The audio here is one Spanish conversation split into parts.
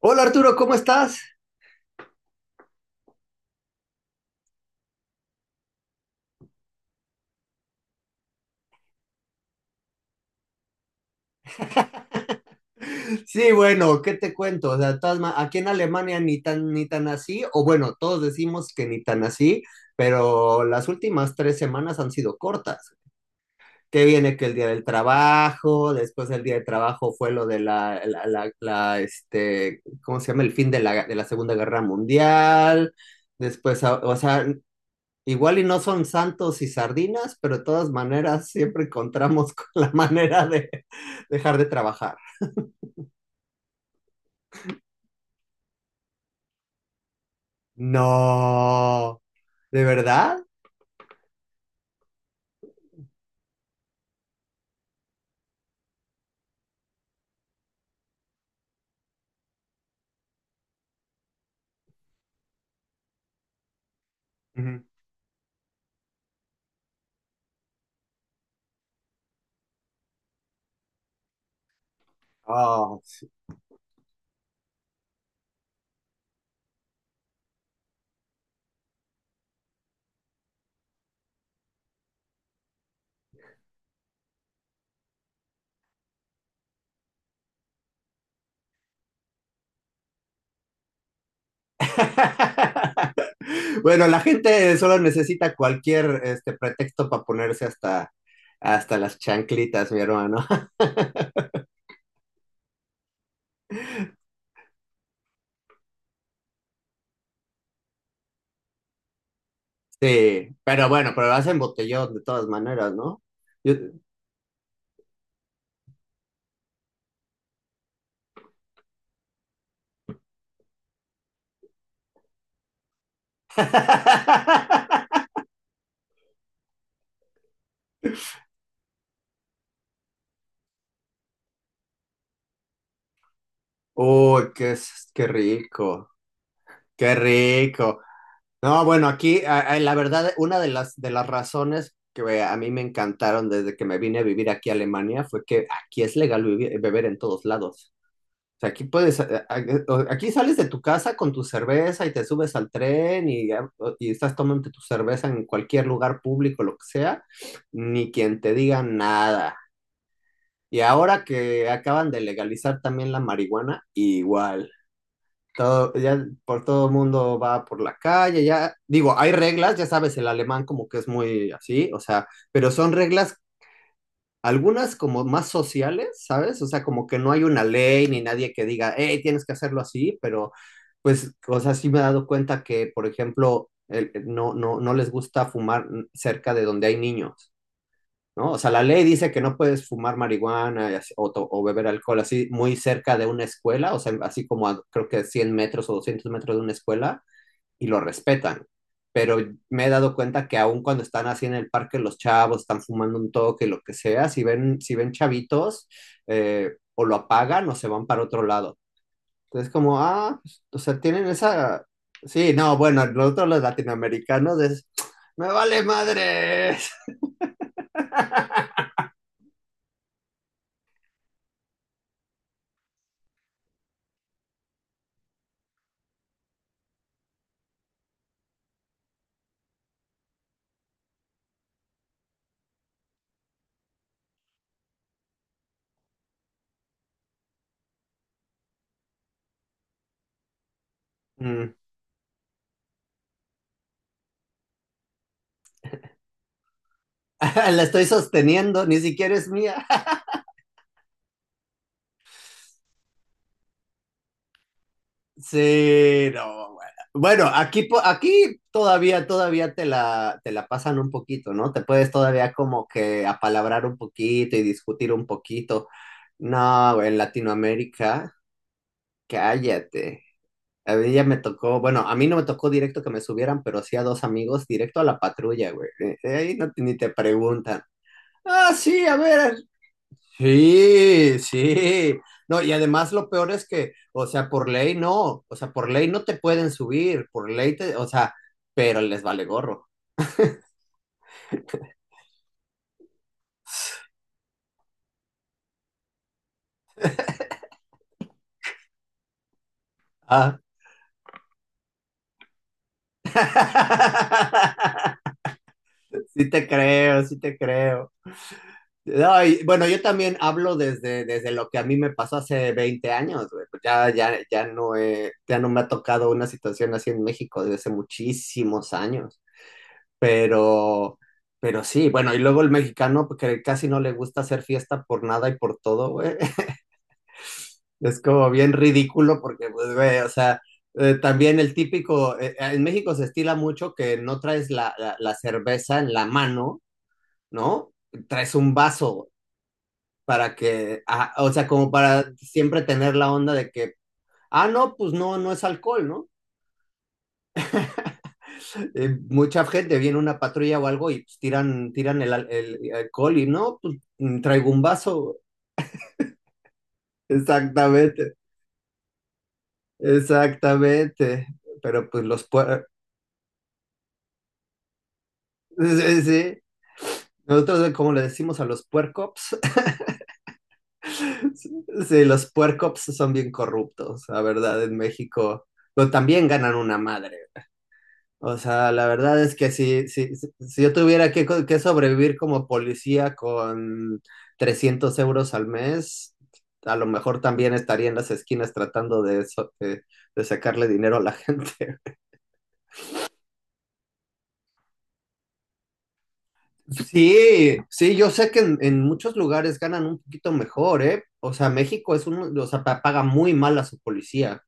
Hola Arturo, ¿cómo estás? Sí, bueno, ¿qué te cuento? O sea, aquí en Alemania ni tan así, o bueno, todos decimos que ni tan así, pero las últimas 3 semanas han sido cortas. Que viene que el día del trabajo, después del día del trabajo fue lo de la, este, ¿cómo se llama? El fin de la Segunda Guerra Mundial, después, o sea, igual y no son santos y sardinas, pero de todas maneras siempre encontramos con la manera de dejar de trabajar. No, ¿de verdad? Ujú. Oh, sí. Bueno, la gente solo necesita cualquier este pretexto para ponerse hasta las chanclitas, mi hermano. Sí, pero bueno, pero hacen botellón de todas maneras, ¿no? Yo- Uy, qué, qué rico, qué rico. No, bueno, aquí la verdad, una de las razones que a mí me encantaron desde que me vine a vivir aquí a Alemania fue que aquí es legal beber en todos lados. O sea, aquí puedes, aquí sales de tu casa con tu cerveza y te subes al tren y estás tomando tu cerveza en cualquier lugar público, lo que sea, ni quien te diga nada. Y ahora que acaban de legalizar también la marihuana, igual. Todo, ya por todo mundo va por la calle, ya, digo, hay reglas, ya sabes, el alemán como que es muy así, o sea, pero son reglas, algunas como más sociales, ¿sabes? O sea, como que no hay una ley ni nadie que diga, hey, tienes que hacerlo así, pero pues, o sea, sí me he dado cuenta que, por ejemplo, no, no, no les gusta fumar cerca de donde hay niños. ¿No? O sea, la ley dice que no puedes fumar marihuana y o, o beber alcohol así muy cerca de una escuela, o sea, así como a, creo que 100 metros o 200 metros de una escuela, y lo respetan. Pero me he dado cuenta que aun cuando están así en el parque los chavos, están fumando un toque, lo que sea, si ven chavitos, o lo apagan o se van para otro lado. Entonces, como, ah, pues, o sea, tienen esa. Sí, no, bueno, nosotros los latinoamericanos es, me vale madres. Mm. La estoy sosteniendo, ni siquiera es mía. Sí, no, bueno. Bueno, aquí, aquí todavía te la pasan un poquito, ¿no? Te puedes todavía como que apalabrar un poquito y discutir un poquito. No, güey, en Latinoamérica, cállate. A mí ya me tocó, bueno, a mí no me tocó directo que me subieran, pero sí a dos amigos directo a la patrulla, güey. Ahí no, ni te preguntan. Ah, sí, a ver, sí, sí. No, y además lo peor es que, o sea, por ley no, o sea, por ley no te pueden subir, por ley te, o sea, pero les vale gorro. Ah. Sí te creo, sí te creo. No, y, bueno, yo también hablo desde, lo que a mí me pasó hace 20 años, güey. Pues ya, ya, ya no me ha tocado una situación así en México desde hace muchísimos años. Pero, pero sí, bueno, y luego el mexicano pues, que casi no le gusta hacer fiesta por nada y por todo, güey. Es como bien ridículo porque, pues, güey, o sea, también el típico, en México se estila mucho que no traes la cerveza en la mano, ¿no? Traes un vaso para que, ah, o sea, como para siempre tener la onda de que, ah, no, pues no, no es alcohol, ¿no? Mucha gente viene una patrulla o algo y pues, tiran el alcohol y no, pues traigo un vaso. Exactamente, exactamente. Pero pues. Sí, sí. Nosotros, como le decimos a los puercops, sí, los puercops son bien corruptos, la verdad, en México. Pero también ganan una madre. O sea, la verdad es que si yo tuviera que, que sobrevivir como policía con 300 euros al mes, a lo mejor también estaría en las esquinas tratando de sacarle dinero a la gente. Sí, sí, yo sé que en muchos lugares ganan un poquito mejor, ¿eh? O sea, México es un, o sea, paga muy mal a su policía.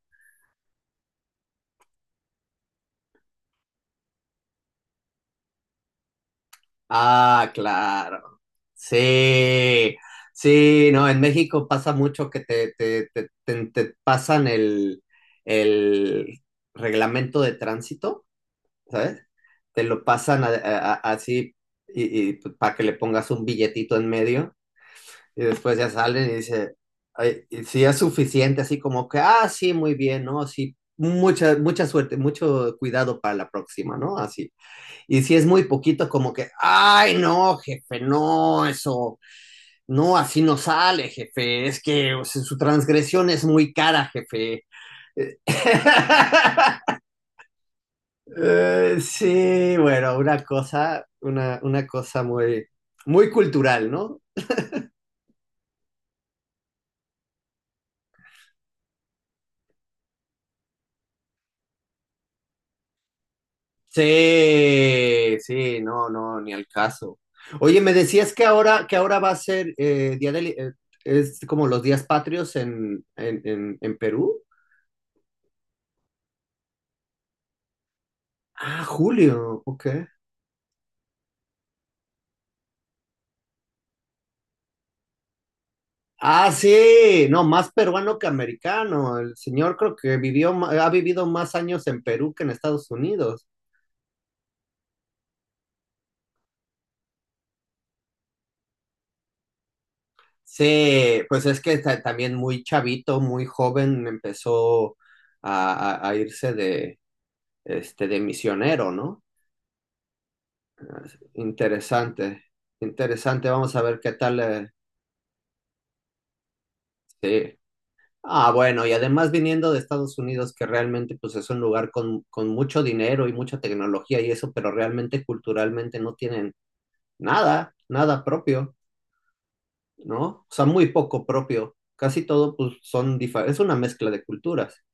Ah, claro. Sí, sí, no, en México pasa mucho que te pasan el, reglamento de tránsito, ¿sabes? Te lo pasan así y para que le pongas un billetito en medio y después ya salen y dice, "Ay, y si es suficiente, así como que, ah, sí, muy bien, ¿no? Sí, mucha, mucha suerte, mucho cuidado para la próxima, ¿no?" Así. Y si es muy poquito, como que, ay, no, jefe, no, eso, no, así no sale, jefe, es que o sea, su transgresión es muy cara, jefe. Sí, bueno, una cosa, una cosa muy, muy cultural, ¿no? Sí, sí, no, no, ni al caso. Oye, me decías que ahora, va a ser día del es como los días patrios en Perú. Ah, julio, ok. Ah, sí, no, más peruano que americano. El señor creo que ha vivido más años en Perú que en Estados Unidos. Sí, pues es que también muy chavito, muy joven, empezó a irse de, de misionero, ¿no? Interesante, interesante. Vamos a ver qué tal. Sí. Ah, bueno, y además viniendo de Estados Unidos, que realmente pues es un lugar con, mucho dinero y mucha tecnología y eso, pero realmente culturalmente no tienen nada, nada propio, ¿no? O sea, muy poco propio. Casi todo, pues, son diferentes, es una mezcla de culturas,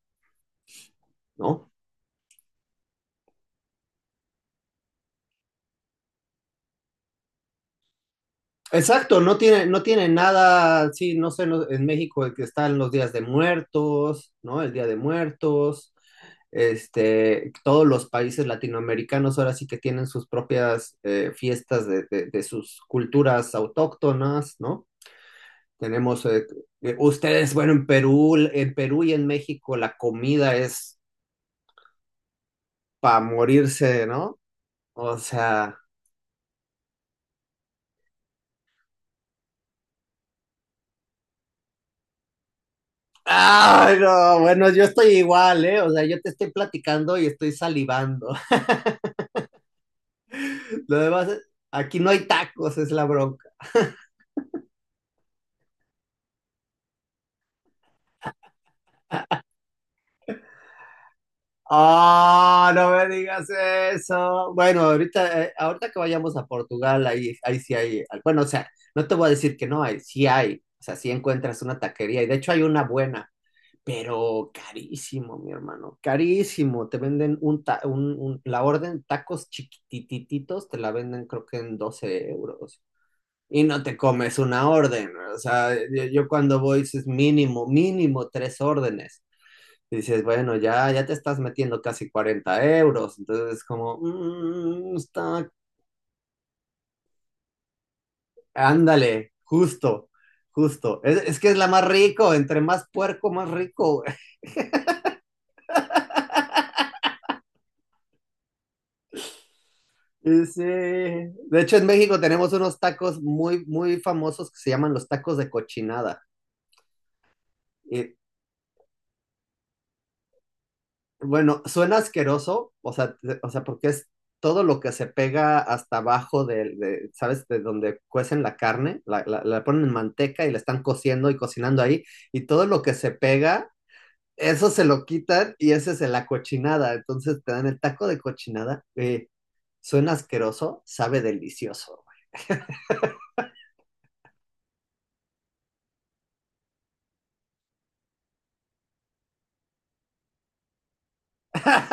¿no? Exacto, no tiene nada, sí, no sé, en México el que están los días de muertos, ¿no? El Día de Muertos, todos los países latinoamericanos ahora sí que tienen sus propias fiestas de sus culturas autóctonas, ¿no? Tenemos, ustedes, bueno, en Perú y en México la comida es para morirse, ¿no? O sea, ay, no, bueno, yo estoy igual, ¿eh? O sea, yo te estoy platicando y estoy salivando. Lo demás, aquí no hay tacos, es la bronca. Ah, no me digas eso. Bueno, ahorita que vayamos a Portugal, ahí sí hay, bueno, o sea, no te voy a decir que no hay, sí hay, o sea, sí encuentras una taquería y de hecho hay una buena. Pero carísimo, mi hermano, carísimo. Te venden un, ta- un- la orden tacos chiquitititos, te la venden creo que en 12 euros. Y no te comes una orden, o sea, yo cuando voy dices mínimo, mínimo tres órdenes. Y dices, bueno, ya, ya te estás metiendo casi 40 euros. Entonces es como, no está, ándale, justo, justo. Es que es la más rico, entre más puerco, más rico. Sí, sí. De hecho en México tenemos unos tacos muy, muy famosos que se llaman los tacos de cochinada. Y bueno, suena asqueroso, o sea, o sea, porque es todo lo que se pega hasta abajo de, ¿sabes? De donde cuecen la carne, la ponen en manteca y la están cociendo y cocinando ahí, y todo lo que se pega, eso se lo quitan y ese es la cochinada. Entonces te dan el taco de cochinada. Suena asqueroso, sabe delicioso.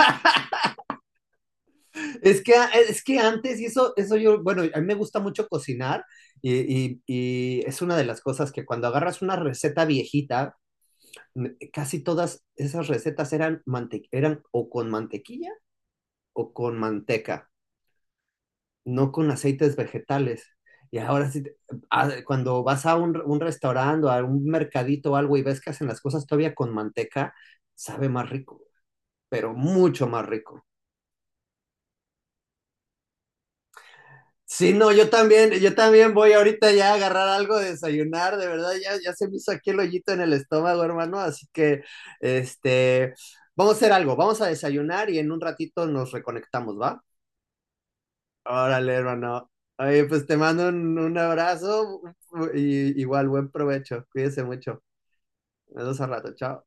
Es que, ah, es que antes, y eso yo, bueno, a mí me gusta mucho cocinar y es una de las cosas que cuando agarras una receta viejita, casi todas esas recetas eran o con mantequilla o con manteca, no con aceites vegetales. Y ahora sí, ah, cuando vas a un, restaurante o a un mercadito o algo y ves que hacen las cosas todavía con manteca, sabe más rico, pero mucho más rico. Sí, no, yo también voy ahorita ya a agarrar algo de desayunar, de verdad, ya, se me hizo aquí el hoyito en el estómago, hermano, así que, este, vamos a hacer algo, vamos a desayunar y en un ratito nos reconectamos, ¿va? Órale, hermano. Oye, pues te mando un, abrazo y igual buen provecho, cuídese mucho. Nos vemos al rato, chao.